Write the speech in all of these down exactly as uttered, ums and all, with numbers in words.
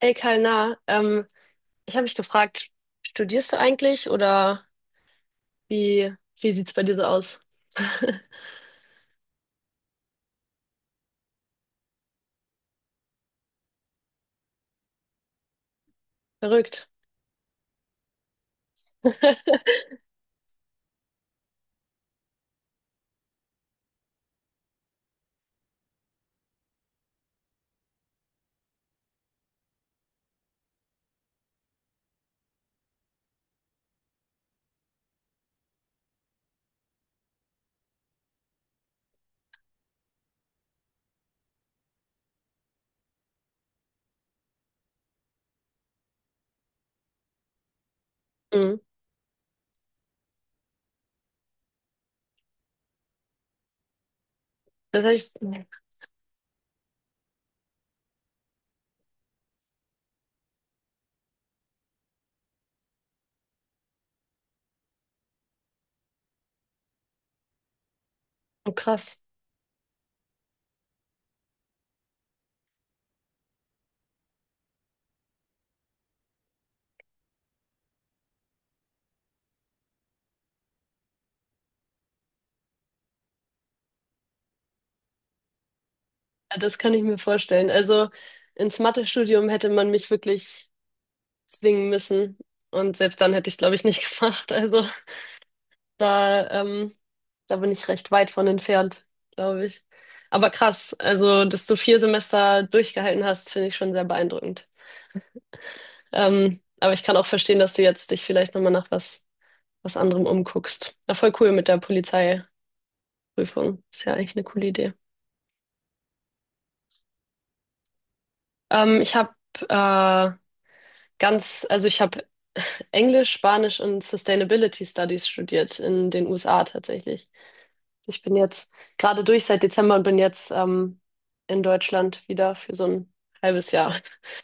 Hey Kalna, ähm, ich habe mich gefragt, studierst du eigentlich oder wie, wie sieht's bei dir so aus? Verrückt. Mhm. Das hab ich, oh krass. Ja, das kann ich mir vorstellen. Also ins Mathestudium hätte man mich wirklich zwingen müssen und selbst dann hätte ich es, glaube ich, nicht gemacht. Also da, ähm, da bin ich recht weit von entfernt, glaube ich. Aber krass, also dass du vier Semester durchgehalten hast, finde ich schon sehr beeindruckend. Ähm, aber ich kann auch verstehen, dass du jetzt dich vielleicht nochmal nach was, was anderem umguckst. Ja, voll cool mit der Polizeiprüfung. Ist ja eigentlich eine coole Idee. Ähm, ich habe äh, ganz, also ich habe Englisch, Spanisch und Sustainability Studies studiert in den U S A tatsächlich. Also ich bin jetzt gerade durch seit Dezember und bin jetzt ähm, in Deutschland wieder für so ein halbes Jahr.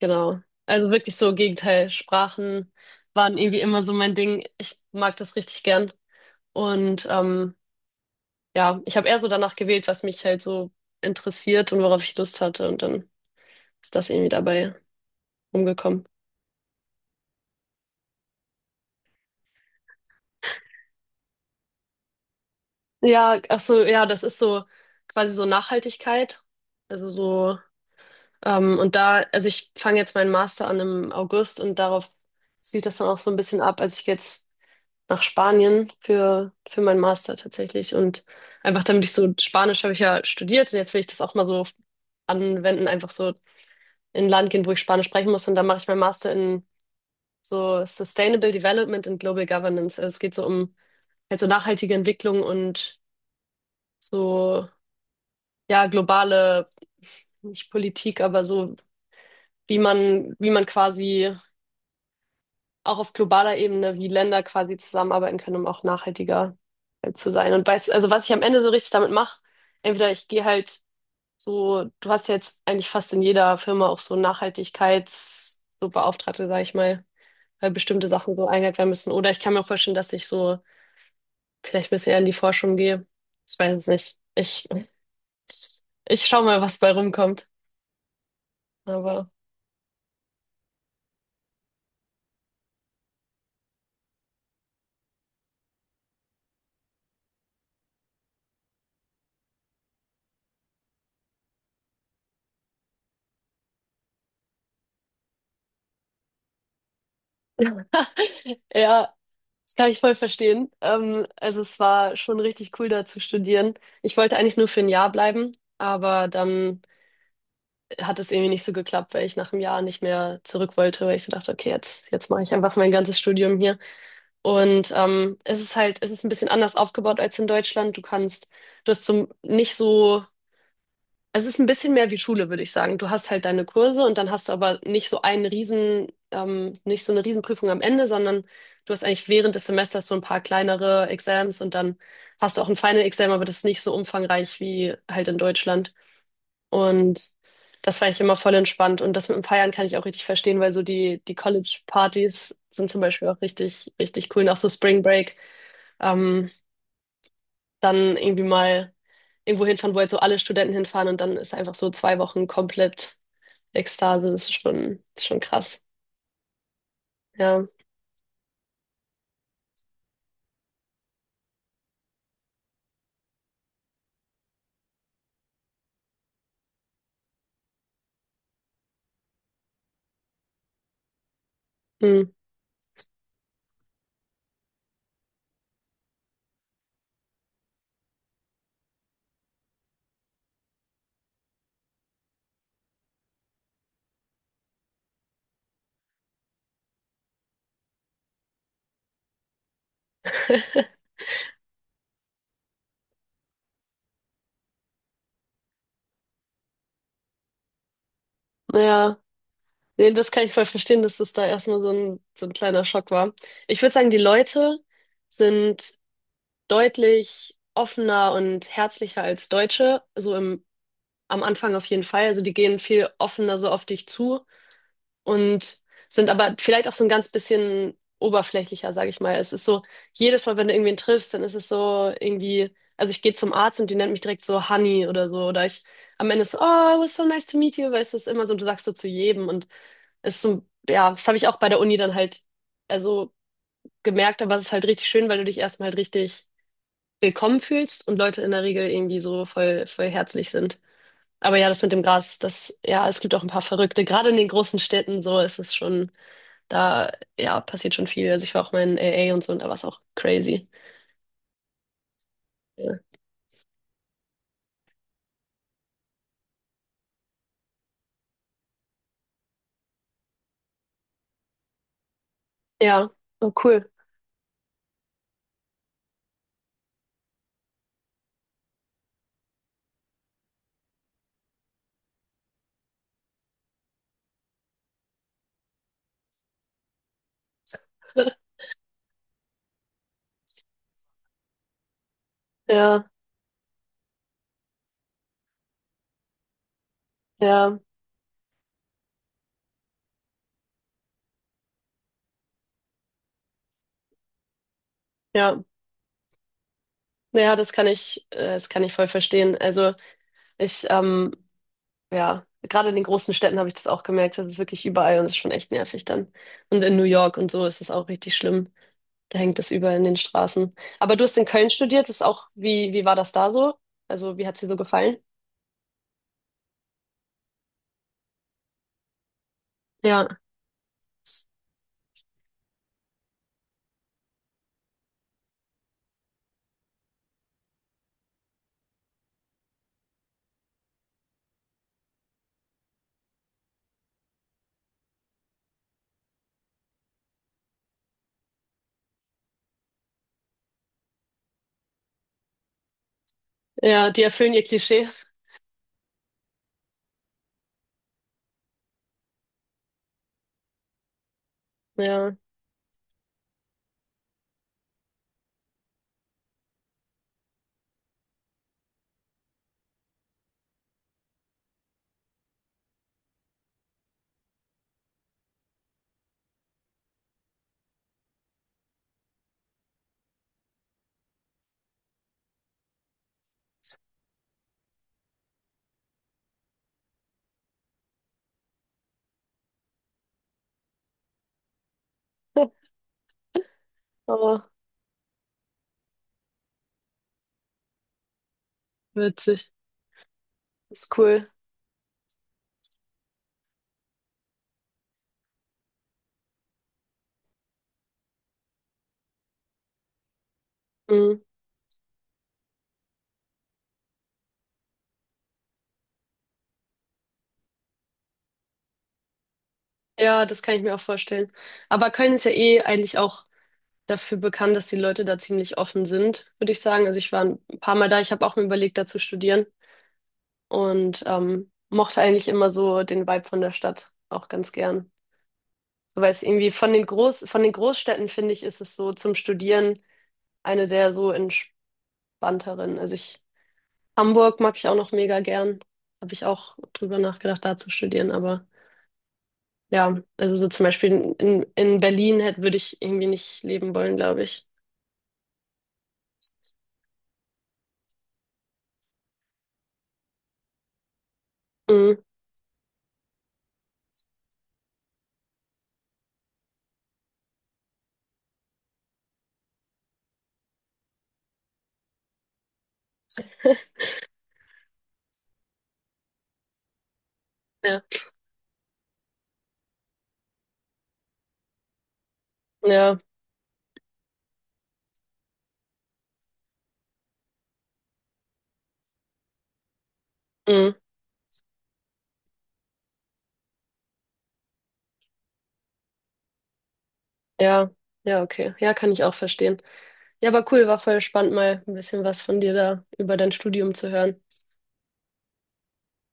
Genau. Also wirklich so Gegenteil. Sprachen waren irgendwie immer so mein Ding. Ich mag das richtig gern. Und ähm, ja, ich habe eher so danach gewählt, was mich halt so interessiert und worauf ich Lust hatte. Und dann ist das irgendwie dabei rumgekommen. Ja, ach so, ja, das ist so quasi so Nachhaltigkeit. Also so, ähm, und da, also ich fange jetzt meinen Master an im August und darauf zielt das dann auch so ein bisschen ab. Also ich gehe jetzt nach Spanien für, für meinen Master tatsächlich. Und einfach damit ich so, Spanisch habe ich ja studiert und jetzt will ich das auch mal so anwenden, einfach so in ein Land gehen, wo ich Spanisch sprechen muss. Und dann mache ich meinen Master in so Sustainable Development and Global Governance. Also es geht so um halt so nachhaltige Entwicklung und so, ja, globale, nicht Politik, aber so, wie man, wie man quasi auch auf globaler Ebene, wie Länder quasi zusammenarbeiten können, um auch nachhaltiger halt zu sein. Und weiß, also was ich am Ende so richtig damit mache, entweder ich gehe halt so, du hast ja jetzt eigentlich fast in jeder Firma auch so Nachhaltigkeits, so Beauftragte, sag ich mal, weil bestimmte Sachen so eingehalten werden müssen. Oder ich kann mir auch vorstellen, dass ich so vielleicht ein bisschen eher in die Forschung gehe. Ich weiß es nicht. Ich, ich schau mal, was bei rumkommt. Aber ja, das kann ich voll verstehen. Ähm, also es war schon richtig cool, da zu studieren. Ich wollte eigentlich nur für ein Jahr bleiben, aber dann hat es irgendwie nicht so geklappt, weil ich nach einem Jahr nicht mehr zurück wollte, weil ich so dachte, okay, jetzt, jetzt mache ich einfach mein ganzes Studium hier. Und ähm, es ist halt, es ist ein bisschen anders aufgebaut als in Deutschland. Du kannst, du hast zum, nicht so. Es ist ein bisschen mehr wie Schule, würde ich sagen. Du hast halt deine Kurse und dann hast du aber nicht so einen Riesen, ähm, nicht so eine Riesenprüfung am Ende, sondern du hast eigentlich während des Semesters so ein paar kleinere Exams und dann hast du auch ein Final Exam, aber das ist nicht so umfangreich wie halt in Deutschland. Und das fand ich immer voll entspannt. Und das mit dem Feiern kann ich auch richtig verstehen, weil so die, die College-Partys sind zum Beispiel auch richtig, richtig cool. Und auch so Spring Break. Ähm, dann irgendwie mal irgendwo hinfahren, wo jetzt so alle Studenten hinfahren und dann ist einfach so zwei Wochen komplett Ekstase. Das ist schon, ist schon krass. Ja. Hm. Naja, nee, das kann ich voll verstehen, dass das da erstmal so ein, so ein kleiner Schock war. Ich würde sagen, die Leute sind deutlich offener und herzlicher als Deutsche, so im, am Anfang auf jeden Fall. Also die gehen viel offener so auf dich zu und sind aber vielleicht auch so ein ganz bisschen oberflächlicher, sage ich mal. Es ist so, jedes Mal, wenn du irgendwen triffst, dann ist es so irgendwie, also ich gehe zum Arzt und die nennt mich direkt so Honey oder so. Oder ich am Ende ist so, oh, it was so nice to meet you, weil es ist immer so, du sagst so zu jedem. Und es ist so, ja, das habe ich auch bei der Uni dann halt, also gemerkt, aber es ist halt richtig schön, weil du dich erstmal halt richtig willkommen fühlst und Leute in der Regel irgendwie so voll, voll herzlich sind. Aber ja, das mit dem Gras, das, ja, es gibt auch ein paar Verrückte. Gerade in den großen Städten so ist es schon. Da, ja, passiert schon viel. Also ich war auch mal in A A und so und da war es auch crazy. Ja, ja, oh, cool. Ja, ja, ja. Naja, das kann ich, äh, das kann ich voll verstehen. Also ich, ähm, ja, gerade in den großen Städten habe ich das auch gemerkt. Das ist wirklich überall und das ist schon echt nervig dann. Und in New York und so ist es auch richtig schlimm. Da hängt das überall in den Straßen. Aber du hast in Köln studiert, das ist auch, wie, wie war das da so? Also wie hat es dir so gefallen? Ja, ja, die erfüllen ihr Klischee. Ja, oh, witzig. Ist cool. Mhm. Ja, das kann ich mir auch vorstellen. Aber Köln ist ja eh eigentlich auch dafür bekannt, dass die Leute da ziemlich offen sind, würde ich sagen. Also ich war ein paar Mal da, ich habe auch mir überlegt, da zu studieren und ähm, mochte eigentlich immer so den Vibe von der Stadt auch ganz gern. So, weil es irgendwie von den Groß, von den Großstädten, finde ich, ist es so zum Studieren eine der so entspannteren. Also ich, Hamburg mag ich auch noch mega gern. Habe ich auch drüber nachgedacht, da zu studieren, aber. Ja, also so zum Beispiel in, in in Berlin hätte, würde ich irgendwie nicht leben wollen, glaube ich. Mhm. Ja. Ja, mhm. Ja, ja, okay. Ja, kann ich auch verstehen. Ja, aber cool, war voll spannend, mal ein bisschen was von dir da über dein Studium zu hören.